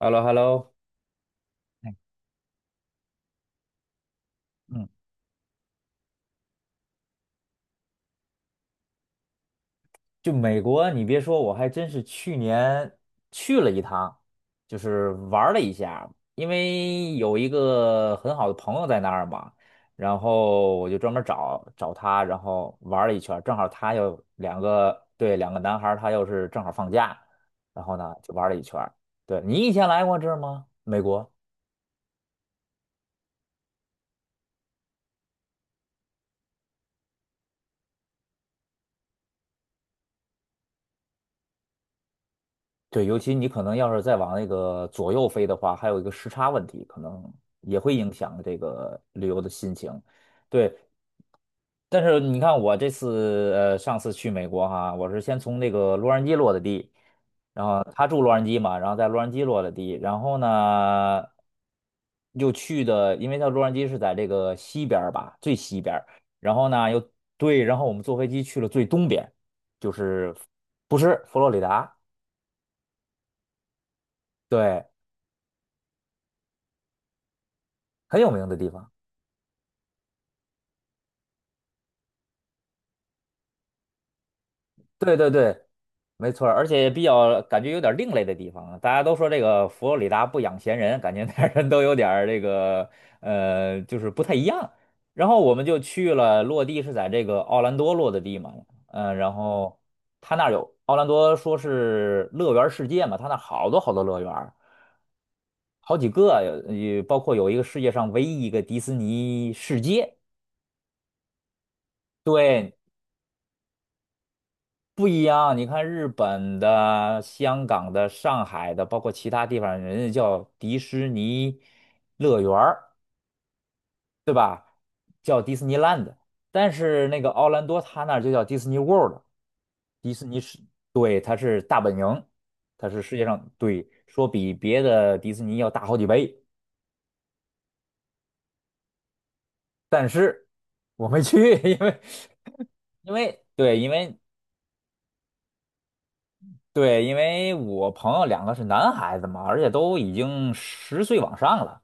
h e l l o h e l l o 哎。嗯，就美国，你别说，我还真是去年去了一趟，就是玩儿了一下，因为有一个很好的朋友在那儿嘛，然后我就专门找他，然后玩儿了一圈儿，正好他又两个，对，两个男孩儿他又是正好放假，然后呢就玩儿了一圈儿。对，你以前来过这儿吗？美国？对，尤其你可能要是再往那个左右飞的话，还有一个时差问题，可能也会影响这个旅游的心情。对，但是你看我这次上次去美国哈，我是先从那个洛杉矶落的地，然后他住洛杉矶嘛，然后在洛杉矶落的地，然后呢又去的，因为他洛杉矶是在这个西边儿吧，最西边儿，然后呢又，对，然后我们坐飞机去了最东边，就是，不是，佛罗里达。对，很有名的地方。对对对，没错儿，而且也比较感觉有点儿另类的地方啊。大家都说这个佛罗里达不养闲人，感觉那儿人都有点儿这个就是不太一样。然后我们就去了，落地是在这个奥兰多落的地嘛，嗯、然后他那儿有，奥兰多说是乐园世界嘛，他那儿好多好多乐园儿，好几个，有，也包括有一个世界上唯一一个迪士尼世界。对，不一样，你看日本的、香港的、上海的，包括其他地方，人家叫迪士尼乐园儿，叫迪士尼 l a n d, 但是那个奥兰多他那儿就叫迪士尼 World,迪士尼是，对，它是大本营，它是世界上，对，说比别的迪士尼要大好几倍，但是我没去，因为，因为对，因为对，因为我朋友两个是男孩子嘛，而且都已经10岁往上了。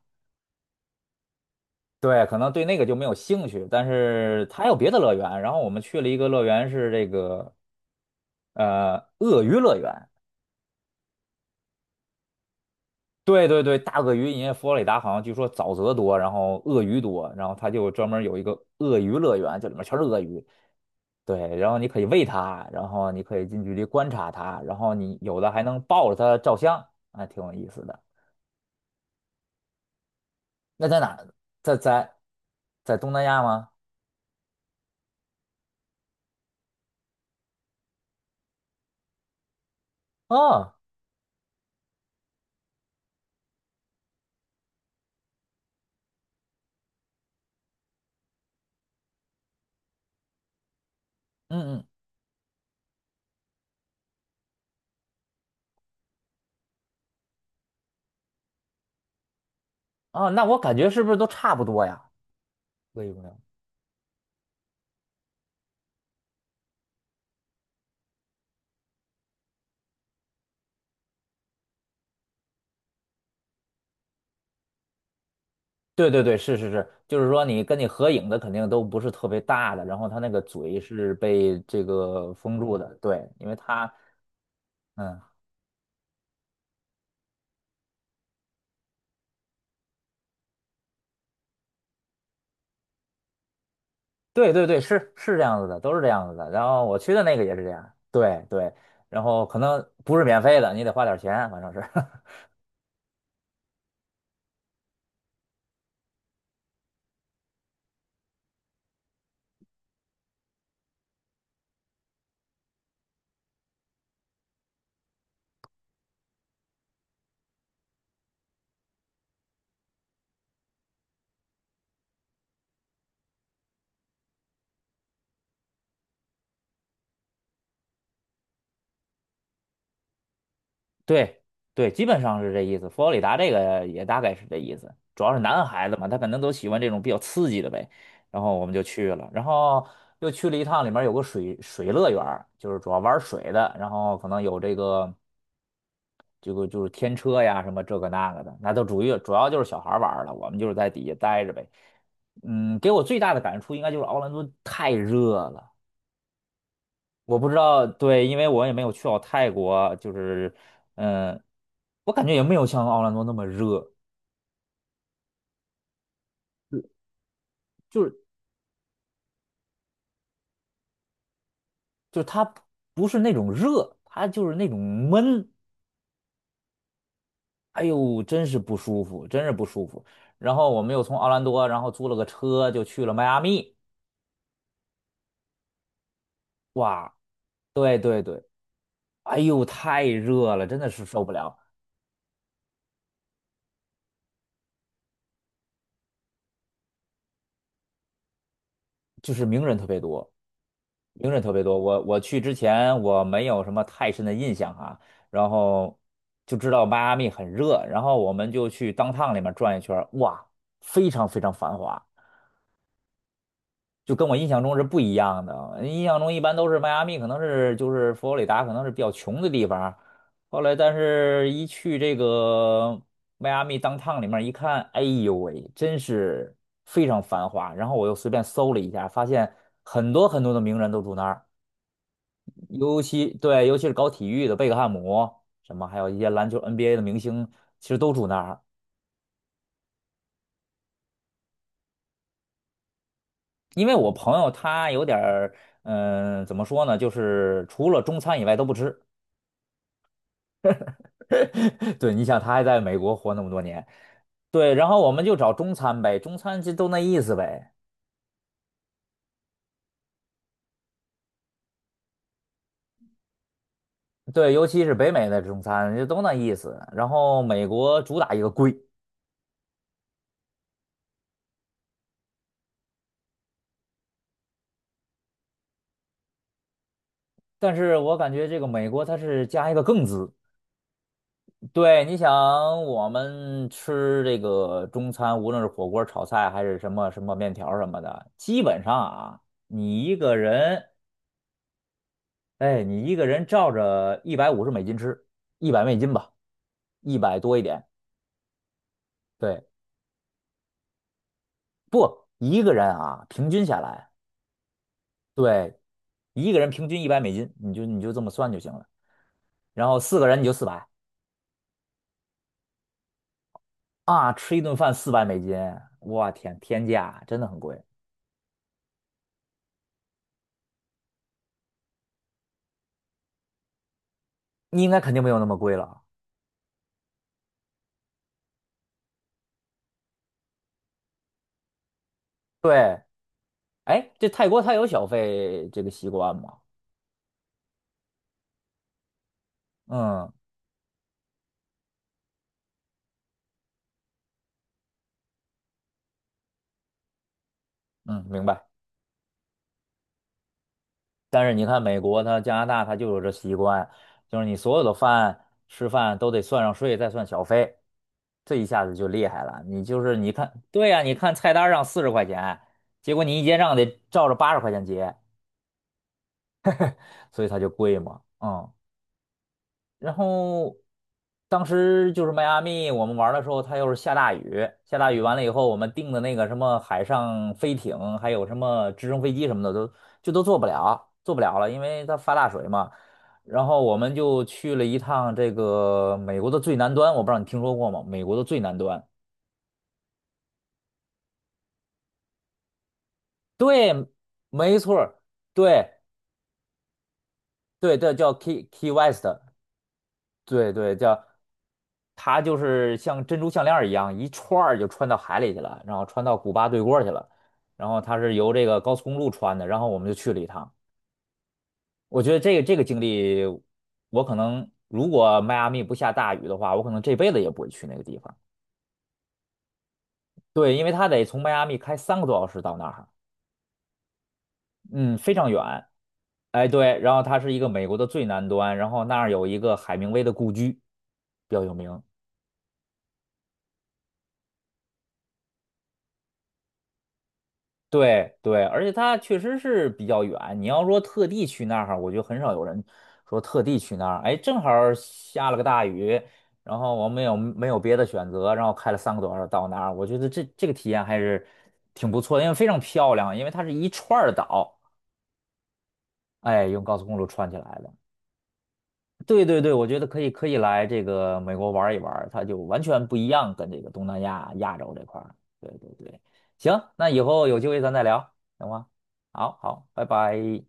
对，可能对那个就没有兴趣，但是它还有别的乐园。然后我们去了一个乐园，是这个鳄鱼乐园。对对对，大鳄鱼，因为佛罗里达好像据说沼泽多，然后鳄鱼多，然后它就专门有一个鳄鱼乐园，这里面全是鳄鱼。对，然后你可以喂它，然后你可以近距离观察它，然后你有的还能抱着它照相，还挺有意思的。那在哪儿？在在东南亚吗？哦，嗯嗯，哦，那我感觉是不是都差不多呀？各有各样。对对对，是是是，就是说你跟你合影的肯定都不是特别大的，然后他那个嘴是被这个封住的，对，因为他，嗯，对对对，是是这样子的，都是这样子的。然后我去的那个也是这样，对对，然后可能不是免费的，你得花点钱，反正是。对对，基本上是这意思。佛罗里达这个也大概是这意思，主要是男孩子嘛，他可能都喜欢这种比较刺激的呗。然后我们就去了，然后又去了一趟，里面有个水乐园儿，就是主要玩水的，然后可能有这个，就是天车呀什么这个那个的，那都主要就是小孩玩儿了，我们就是在底下待着呗。嗯，给我最大的感触应该就是奥兰多太热了。我不知道，对，因为我也没有去到泰国，就是，嗯，我感觉也没有像奥兰多那么热，就就是就是它不是那种热，它就是那种闷，哎呦，真是不舒服，真是不舒服。然后我们又从奥兰多，然后租了个车就去了迈阿密，哇，对对对，哎呦，太热了，真的是受不了，就是名人特别多。名人特别多，我去之前我没有什么太深的印象哈，然后就知道迈阿密很热，然后我们就去 downtown 里面转一圈儿，哇，非常非常繁华，就跟我印象中是不一样的。印象中一般都是迈阿密可能是，就是佛罗里达可能是比较穷的地方，后来但是一去这个迈阿密 downtown 里面一看，哎呦喂，真是非常繁华。然后我又随便搜了一下，发现很多很多的名人都住那儿。尤其对，尤其是搞体育的贝克汉姆，什么还有一些篮球 NBA 的明星，其实都住那儿。因为我朋友他有点儿，嗯、怎么说呢，就是除了中餐以外都不吃。对，你想他还在美国活那么多年，对，然后我们就找中餐呗，中餐就都那意思呗。对，尤其是北美的中餐就都那意思。然后美国主打一个贵，但是我感觉这个美国它是加一个更字。对，你想我们吃这个中餐，无论是火锅、炒菜还是什么什么面条什么的，基本上啊，你一个人，哎，你一个人照着150美金吃，一百美金吧，一百多一点。对，不，一个人啊，平均下来，对，一个人平均一百美金，你就这么算就行了。然后4个人你就四百，啊，吃一顿饭400美金，我天，天价，真的很贵。你应该肯定没有那么贵了。对。哎，这泰国它有小费这个习惯吗？嗯嗯，明白。但是你看美国它、加拿大它就有这习惯，就是你所有的饭吃饭都得算上税，再算小费，这一下子就厉害了。你就是你看，对呀、你看菜单上40块钱，结果你一结账得照着80块钱结，所以它就贵嘛。嗯，然后当时就是迈阿密，我们玩儿的时候，它又是下大雨，下大雨完了以后，我们订的那个什么海上飞艇，还有什么直升飞机什么的，都就都做不了，做不了了，因为它发大水嘛。然后我们就去了一趟这个美国的最南端，我不知道你听说过吗？美国的最南端，对，没错儿，对对对，叫 Key West，对对叫。它就是像珍珠项链儿一样，一串儿就穿到海里去了，然后穿到古巴对过儿去了。然后它是由这个高速公路穿的，然后我们就去了一趟。我觉得这个经历，我可能如果迈阿密不下大雨的话，我可能这辈子也不会去那个地方。对，因为它得从迈阿密开三个多小时到那儿，嗯，非常远。哎，对，然后它是一个美国的最南端，然后那儿有一个海明威的故居，比较有名。对对，而且它确实是比较远。你要说特地去那儿，我觉得很少有人说特地去那儿。哎，正好儿下了个大雨，然后我没有别的选择，然后开了三个多小时到那儿。我觉得这个体验还是挺不错的，因为非常漂亮，因为它是一串儿岛，哎，用高速公路串起来的。对对对，我觉得可以来这个美国玩一玩，它就完全不一样，跟这个东南亚、亚洲这块儿。对对对，行，那以后有机会咱再聊，行吗？好好，拜拜。